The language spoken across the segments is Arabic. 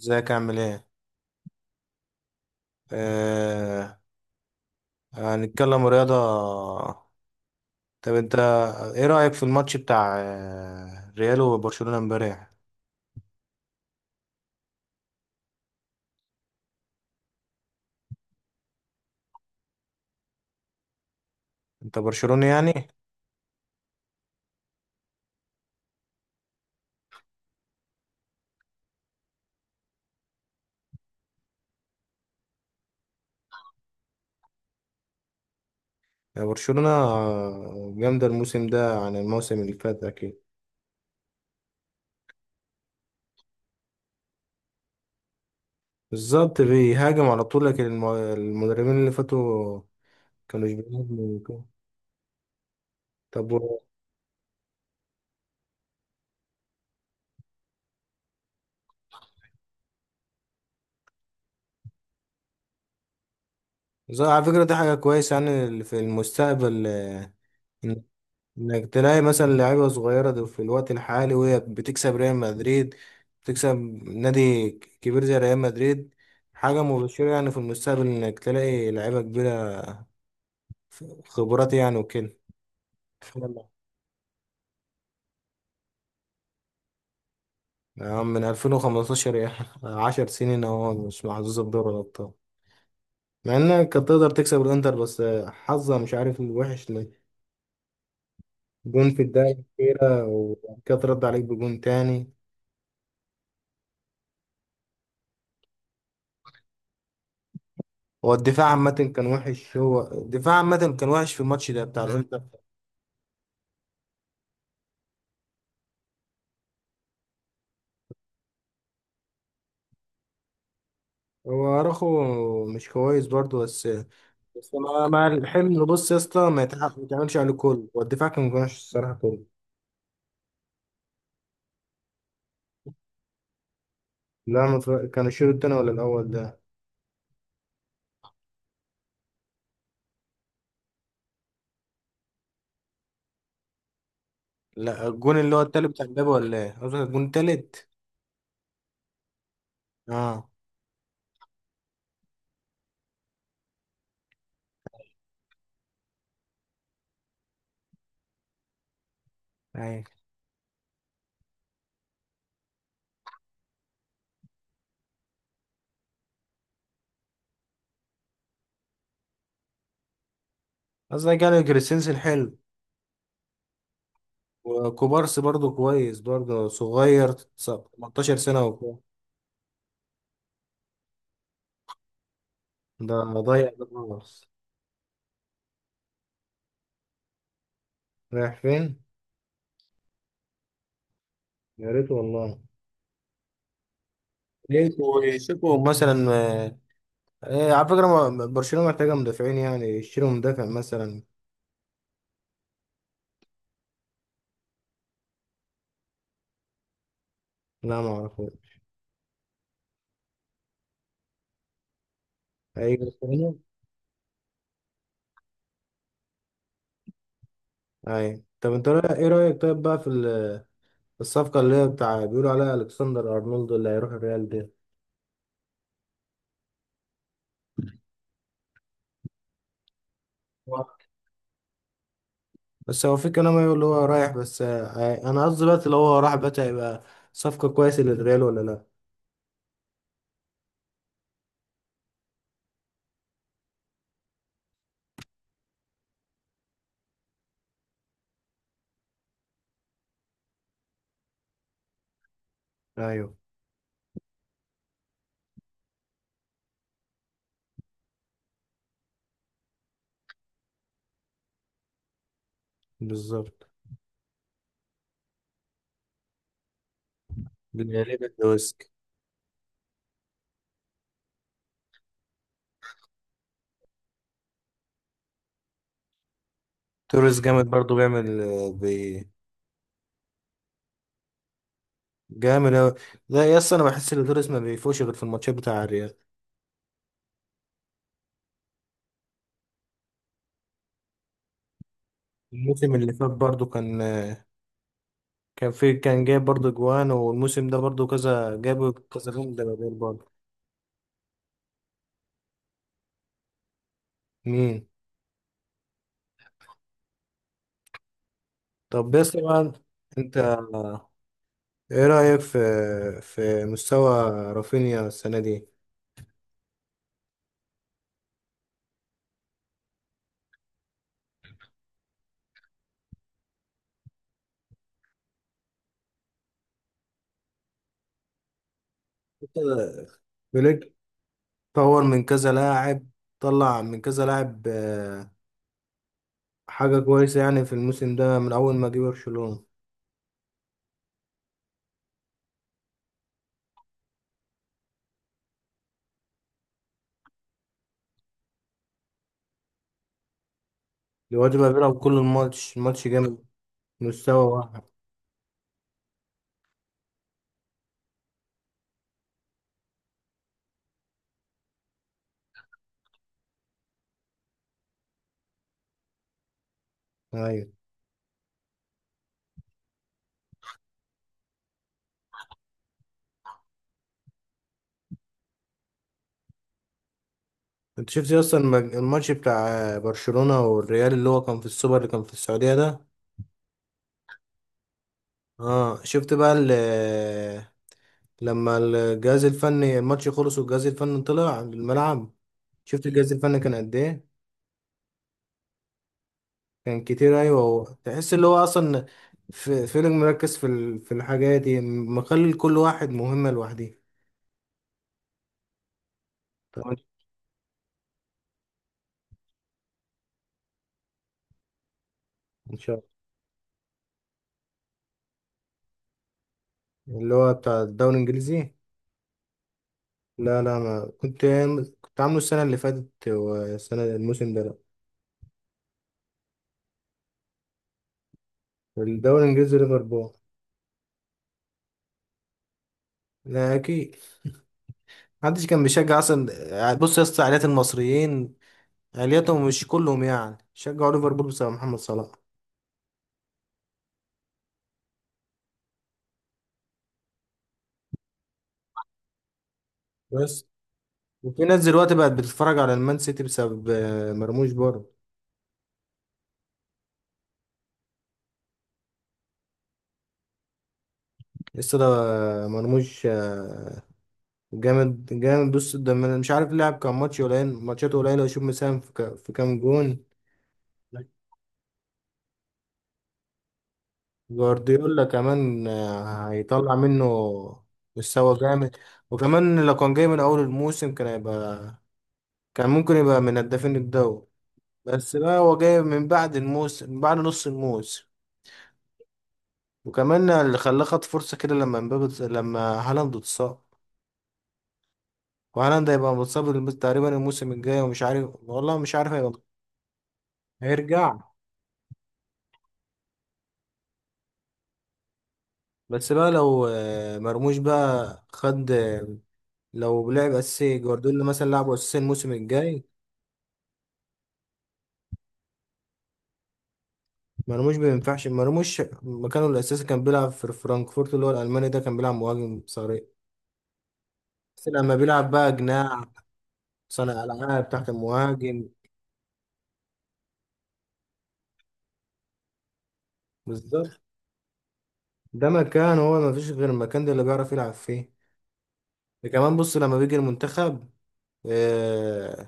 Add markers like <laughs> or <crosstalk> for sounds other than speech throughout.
ازيك عامل ايه؟ آه. هنتكلم رياضة. طب انت ايه رأيك في الماتش بتاع ريال وبرشلونة امبارح؟ انت برشلوني يعني؟ يا برشلونة جامدة الموسم ده عن الموسم اللي فات اكيد. بالظبط بيهاجم على طول، لكن المدربين اللي فاتوا كانوا مش بيهاجموا وكده. طب و- على فكرة دي حاجة كويسة يعني في المستقبل، انك تلاقي مثلا لعيبه صغيره في الوقت الحالي وهي بتكسب ريال مدريد، بتكسب نادي كبير زي ريال مدريد. حاجه مبشره يعني في المستقبل انك تلاقي لعيبه كبيره خبرات يعني وكده. يلا. يا عم من 2015 يعني <laughs> 10 سنين اهو مش محظوظه بدوري الابطال، مع انك كانت تقدر تكسب الانتر، بس حظها مش عارف الوحش ليه. جون في الدقيقه الاخيره وبعد كده ترد عليك بجون تاني. هو الدفاع عامة كان وحش، هو الدفاع عامة كان وحش في الماتش ده بتاع الانتر. هو اراخو مش كويس برضو، بس بس مع الحمل، بص يا اسطى، ما يتعملش عليه كل. هو الدفاع كان وحش الصراحة كله. لا ما اتفرج- كان الشوط التاني ولا الأول ده؟ لا، الجون اللي هو التالت بتاع مبابي، ولا ايه قصدك؟ الجون التالت. اه. ايوه. قصدك يعني كريستنسن حلو؟ وكوبارسي برضو كويس، برضو صغير، 19 سنة وكده. ده ضيع ده خالص. رايح فين؟ يا ريت والله. شيكو شيكو مثلا على فكرة برشلونة محتاجة مدافعين، يعني يشتروا مدافع مثلا. لا ما اعرفه. اي برشلونة. اي، طب انت ايه رأيك طيب بقى في الصفقة اللي هي بتاع بيقولوا عليها الكسندر ارنولد اللي هيروح الريال دي؟ بس هو في كلام يقول اللي هو رايح، بس انا قصدي دلوقتي لو هو راح بقى هيبقى صفقة كويسة للريال ولا لا؟ ايوه. بالظبط. بالنسبة لي توريس جامد برضو، بيعمل جامد أوي. لا يا اسطى، أنا بحس إن دوريس ما بيفوش غير في الماتشات بتاع الريال. الموسم اللي فات برضه كان، كان في كان جايب برضه جوان، والموسم ده برضه كذا، جاب كذا جون ده غير برضه. مين؟ طب يا اسطى بقى، أنت إيه رأيك في مستوى رافينيا السنة دي؟ فليك طور من كذا لاعب، طلع من كذا لاعب، حاجة كويسة يعني في الموسم ده من أول ما جه برشلونة. الواد بقى بيلعب كل الماتش، ماتش جامد، مستوى واحد. أيوة. انت شفت اصلا الماتش بتاع برشلونة والريال اللي هو كان في السوبر اللي كان في السعودية ده؟ اه شفت بقى لما الجهاز الفني الماتش خلص والجهاز الفني طلع الملعب، شفت الجهاز الفني كان قد ايه. كان كتير ايوه. هو تحس اللي هو اصلا في فيلم مركز في الحاجة دي، مخلي كل واحد مهمة لوحده. طبعاً. ان شاء الله، اللي هو بتاع الدوري الانجليزي؟ لا، لا، ما كنت، كنت عامله السنة اللي فاتت، والسنة الموسم ده لا. الدوري الانجليزي ليفربول. لا اكيد، محدش كان بيشجع اصلا. بص يا اسطى، عائلات المصريين، عائلتهم مش كلهم يعني شجعوا ليفربول بسبب محمد صلاح؟ بس. وفي ناس دلوقتي بقت بتتفرج على المان سيتي بسبب مرموش برضه. لسه ده مرموش جامد جامد. بص ده مش عارف لعب كام ماتش، قليل ماتشاته قليله، ويشوف مساهم في كام جون. جوارديولا كمان هيطلع منه مستوى جامد. وكمان لو كان جاي من اول الموسم، كان هيبقى، كان ممكن يبقى من هدافين الدوري. بس بقى هو جاي من بعد الموسم، من بعد نص الموسم. وكمان اللي خلاه خد فرصة كده لما لما هالاند اتصاب. وهالاند هيبقى متصاب تقريبا الموسم الجاي، ومش عارف والله مش عارف هيبقى، هيرجع. بس بقى لو مرموش بقى خد لو لعب أساسي، جوارديولا مثلا لعبه أساسي الموسم الجاي، مرموش ما ينفعش. مرموش مكانه الأساسي، كان بيلعب في فرانكفورت اللي هو الألماني ده، كان بيلعب مهاجم صريح. بس لما بيلعب بقى جناح، صانع العاب تحت المهاجم. بالظبط. ده مكان، هو ما فيش غير المكان ده اللي بيعرف يلعب فيه. ده كمان بص لما بيجي المنتخب، آه،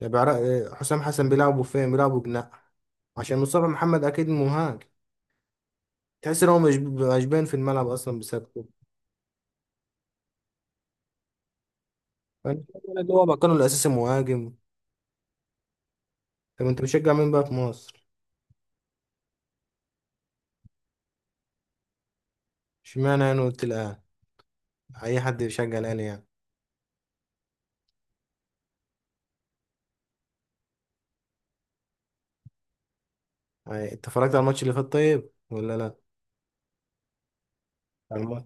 بيعرف حسام حسن بيلعبوا فين؟ بيلعبوا جناح عشان مصطفى محمد اكيد مهاجم. تحس ان هو مش باين في الملعب اصلا بسببه. فانا شايف إن هو مكانه الاساسي مهاجم. طب انت بتشجع مين بقى في مصر؟ اشمعنى انا قلت الاهلي؟ اي حد بيشجع الاهلي يعني. يعني انت اتفرجت على الماتش اللي فات طيب ولا لا؟ على الماتش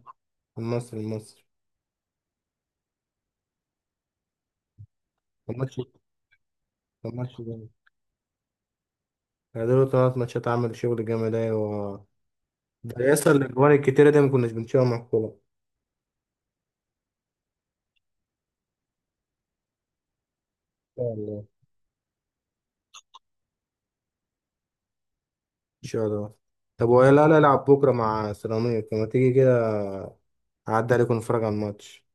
المصري، المصري. الماتش الماتش ده يعني، دول ثلاث ماتشات عملوا شغل جامد. أيوة. ده يسطا الأجوان الكتيرة دي ما كناش بنشوفها مع الكورة. إن شاء الله. إن شاء الله. طب ولا لا، ألعب بكرة مع سيراميكا، ما تيجي كده أعدي عليكم، نتفرج على الماتش.